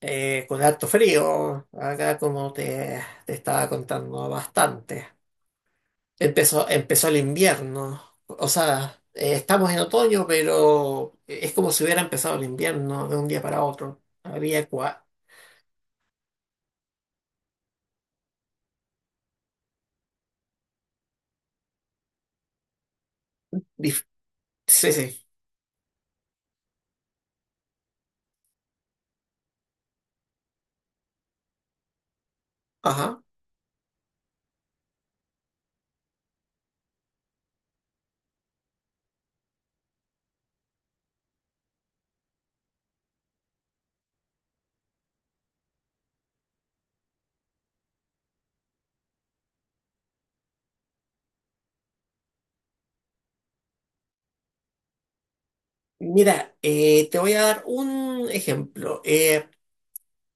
Con harto frío, acá como te estaba contando bastante. Empezó el invierno, o sea, estamos en otoño, pero es como si hubiera empezado el invierno de un día para otro. Dif- Sí, sí, ajá. Mira, te voy a dar un ejemplo.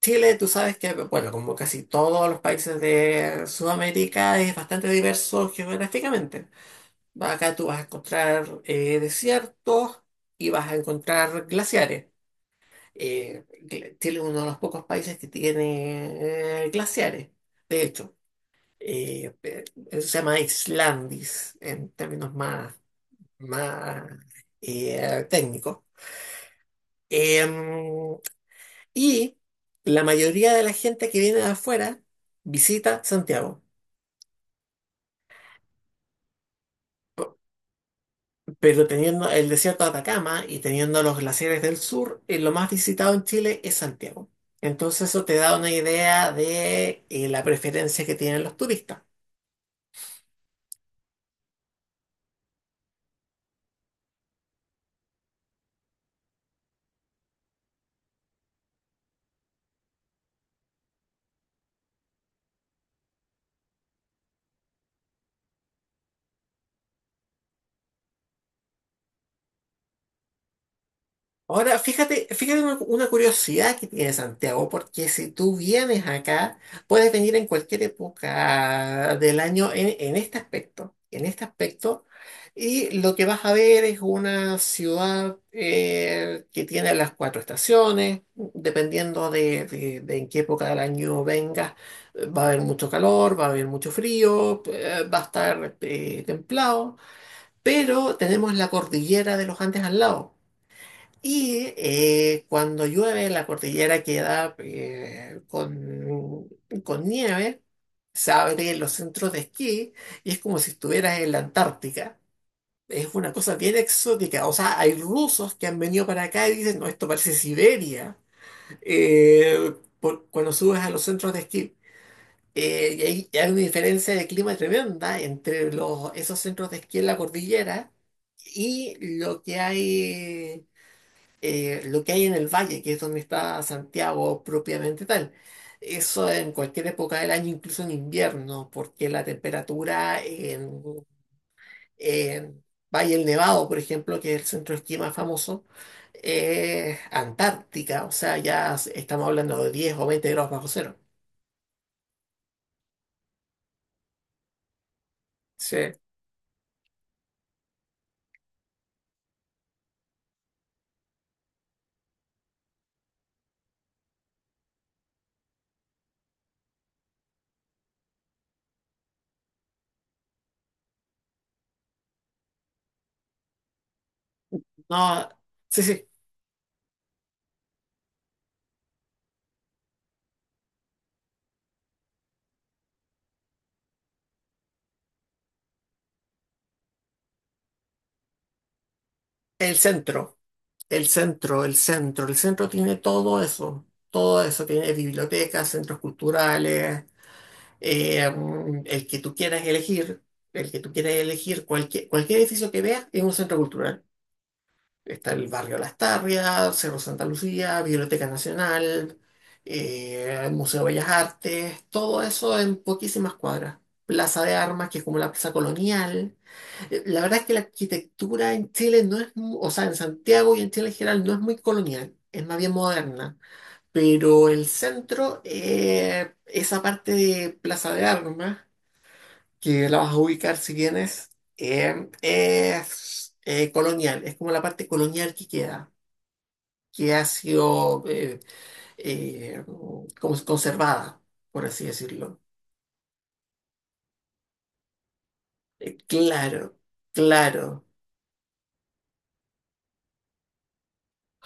Chile, tú sabes que, bueno, como casi todos los países de Sudamérica, es bastante diverso geográficamente. Acá tú vas a encontrar desiertos y vas a encontrar glaciares. Chile es uno de los pocos países que tiene glaciares, de hecho. Eh, pe- Eso se llama Islandis en términos más, más técnicos. Em, y la mayoría de la gente que viene de afuera visita Santiago. Pero teniendo el desierto de Atacama y teniendo los glaciares del sur, lo más visitado en Chile es Santiago. Entonces eso te da una idea de la preferencia que tienen los turistas. Ahora, fíjate, fíjate una curiosidad que tiene Santiago, porque si tú vienes acá, puedes venir en cualquier época del año en este aspecto, y lo que vas a ver es una ciudad que tiene las cuatro estaciones, dependiendo de en qué época del año vengas, va a haber mucho calor, va a haber mucho frío, va a estar templado, pero tenemos la cordillera de los Andes al lado. Y cuando llueve, la cordillera queda con nieve, se abren los centros de esquí y es como si estuvieras en la Antártica. Es una cosa bien exótica. O sea, hay rusos que han venido para acá y dicen, no, esto parece Siberia, eh, cuando subes a los centros de esquí. Y hay una diferencia de clima tremenda entre esos centros de esquí en la cordillera y lo que hay en el valle, que es donde está Santiago propiamente tal. Eso en cualquier época del año, incluso en invierno, porque la temperatura en Valle del Nevado, por ejemplo, que es el centro de esquí más famoso, es antártica, o sea, ya estamos hablando de 10 o 20 grados bajo cero. Sí, no, sí, sí, el centro, el centro tiene todo eso, tiene bibliotecas, centros culturales. El que tú quieras elegir, el que tú quieras elegir, cualquier, cualquier edificio que veas es un centro cultural. Está el barrio Las Tarrias, Cerro Santa Lucía, Biblioteca Nacional, el Museo de Bellas Artes, todo eso en poquísimas cuadras. Plaza de Armas, que es como la plaza colonial. La verdad es que la arquitectura en Chile no es, o sea, en Santiago y en Chile en general no es muy colonial, es más bien moderna. Pero el centro, esa parte de Plaza de Armas, que la vas a ubicar si vienes, es colonial, es como la parte colonial que queda, que ha sido eh, como conservada, por así decirlo. Claro, claro.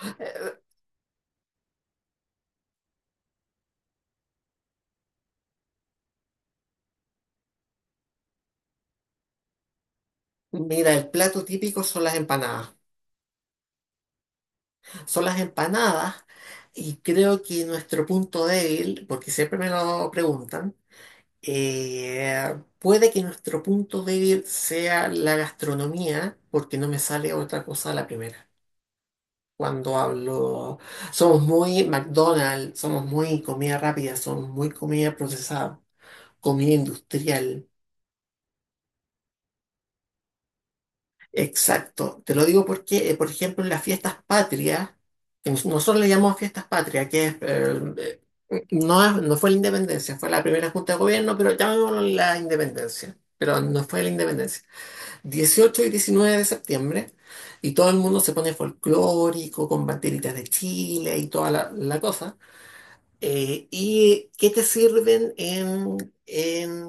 Eh, Mira, el plato típico son las empanadas. Son las empanadas y creo que nuestro punto débil, porque siempre me lo preguntan. Puede que nuestro punto débil sea la gastronomía, porque no me sale otra cosa a la primera. Cuando hablo, somos muy McDonald's, somos muy comida rápida, somos muy comida procesada, comida industrial. Exacto. Te lo digo porque, por ejemplo, en las fiestas patrias, que nosotros le llamamos fiestas patrias, que es, no, no fue la independencia, fue la primera junta de gobierno, pero llamémoslo la independencia, pero no fue la independencia. 18 y 19 de septiembre, y todo el mundo se pone folclórico, con banderitas de Chile y toda la cosa. ¿Y qué te sirven en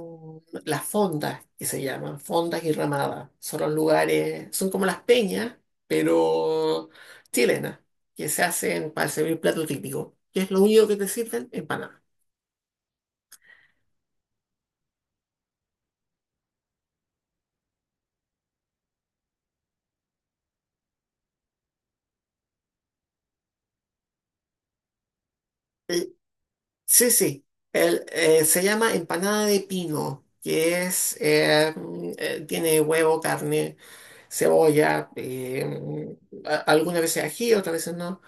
las fondas, que se llaman? Fondas y ramadas. Son los lugares, son como las peñas, pero chilenas, que se hacen para servir plato típico, que es lo único que te sirven en Panamá. Sí, sí. El, se llama empanada de pino, que es, tiene huevo, carne, cebolla, algunas veces ají, otras veces no.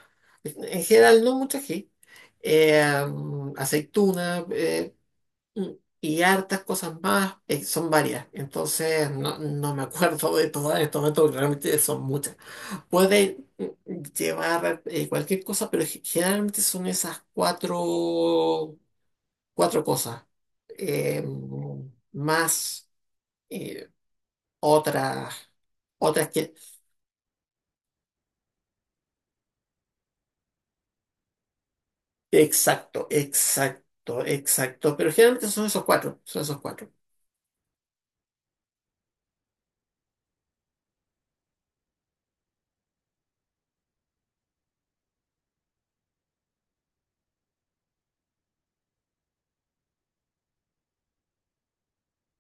En general no mucho ají. Aceituna, mm, y hartas cosas más, son varias. Entonces no, no me acuerdo de todas en este momento, porque realmente son muchas. Puede llevar cualquier cosa, pero generalmente son esas cuatro cosas, eh, más eh, otras, otras que... Exacto, exacto, exacto, pero generalmente son esos cuatro, son esos cuatro.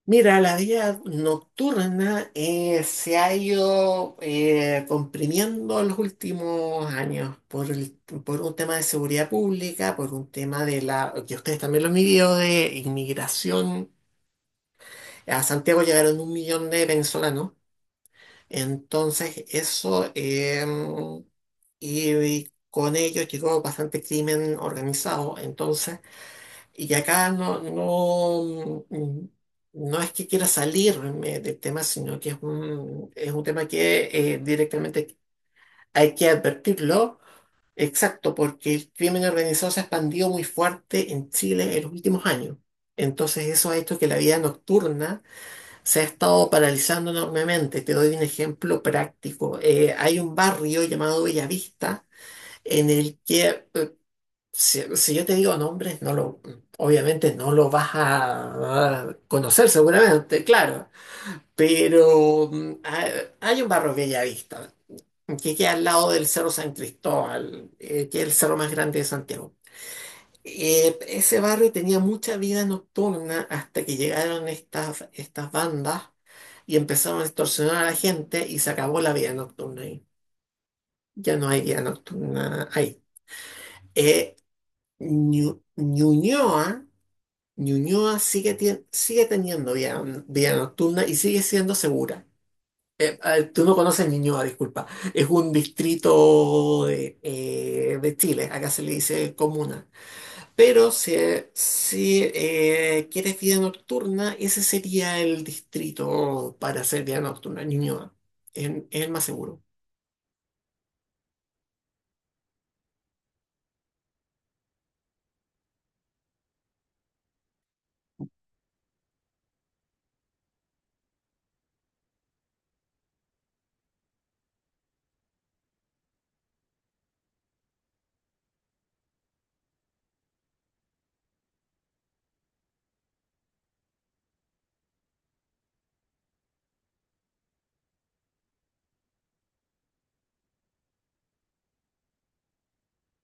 Mira, la vida nocturna se ha ido comprimiendo en los últimos años por un tema de seguridad pública, por un tema de la, que ustedes también lo han vivido, de inmigración. A Santiago llegaron 1 millón de venezolanos. Entonces, eso, y con ello llegó bastante crimen organizado. Entonces, y acá no, no es que quiera salirme del tema, sino que es es un tema que directamente hay que advertirlo. Exacto, porque el crimen organizado se ha expandido muy fuerte en Chile en los últimos años. Entonces, eso ha hecho que la vida nocturna se ha estado paralizando enormemente. Te doy un ejemplo práctico. Hay un barrio llamado Bellavista en el que, eh, si yo te digo nombres, obviamente no lo vas a conocer seguramente, claro, pero hay un barrio Bellavista que queda al lado del Cerro San Cristóbal, que es el cerro más grande de Santiago. Ese barrio tenía mucha vida nocturna hasta que llegaron estas bandas y empezaron a extorsionar a la gente y se acabó la vida nocturna ahí. Ya no hay vida nocturna ahí. Eh, Ñuñoa, Ñuñoa sigue, sigue teniendo vida, vida nocturna y sigue siendo segura. Tú no conoces Ñuñoa, disculpa. Es un distrito de Chile, acá se le dice comuna. Pero si, si quieres vida nocturna, ese sería el distrito para hacer vida nocturna, Ñuñoa. Es el más seguro.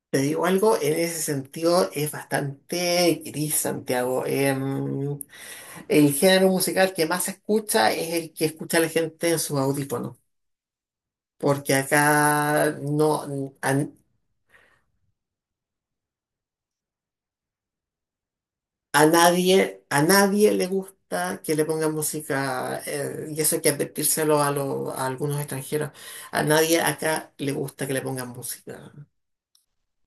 Te digo algo, en ese sentido es bastante gris Santiago. El género musical que más se escucha es el que escucha la gente en sus audífonos, porque acá no. A nadie le gusta que le pongan música, y eso hay que advertírselo a algunos extranjeros. A nadie acá le gusta que le pongan música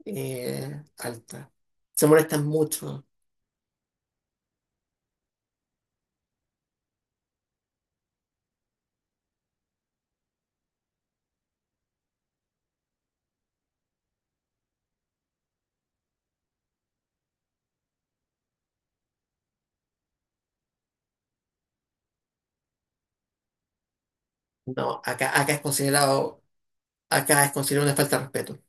alta. Se molestan mucho. No, acá, acá es considerado una falta de respeto.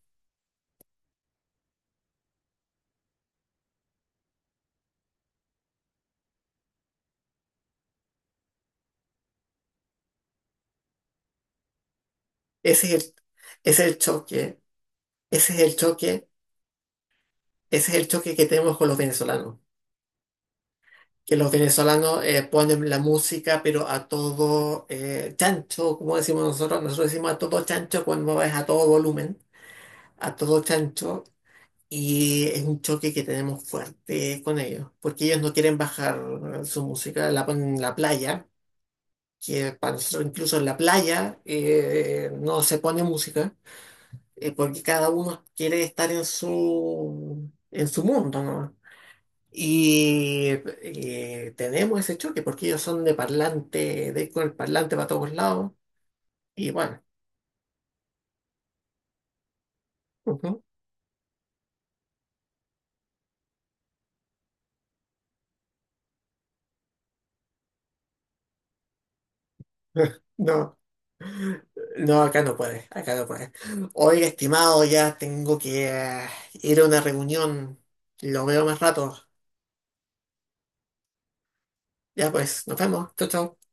Ese es ese es el choque, ese es el choque, ese es el choque que tenemos con los venezolanos. Que los venezolanos ponen la música, pero a todo chancho, como decimos nosotros, nosotros decimos a todo chancho cuando es a todo volumen, a todo chancho, y es un choque que tenemos fuerte con ellos, porque ellos no quieren bajar su música, la ponen en la playa, que para nosotros incluso en la playa no se pone música, porque cada uno quiere estar en su mundo, ¿no? Y tenemos ese choque porque ellos son de parlante, de ir con el parlante para todos lados. Y bueno, ujú. No, no, acá no puede, acá no puede. Oiga, estimado, ya tengo que ir a una reunión. Lo veo más rato. Ya pues, nos vemos. Chau, chau.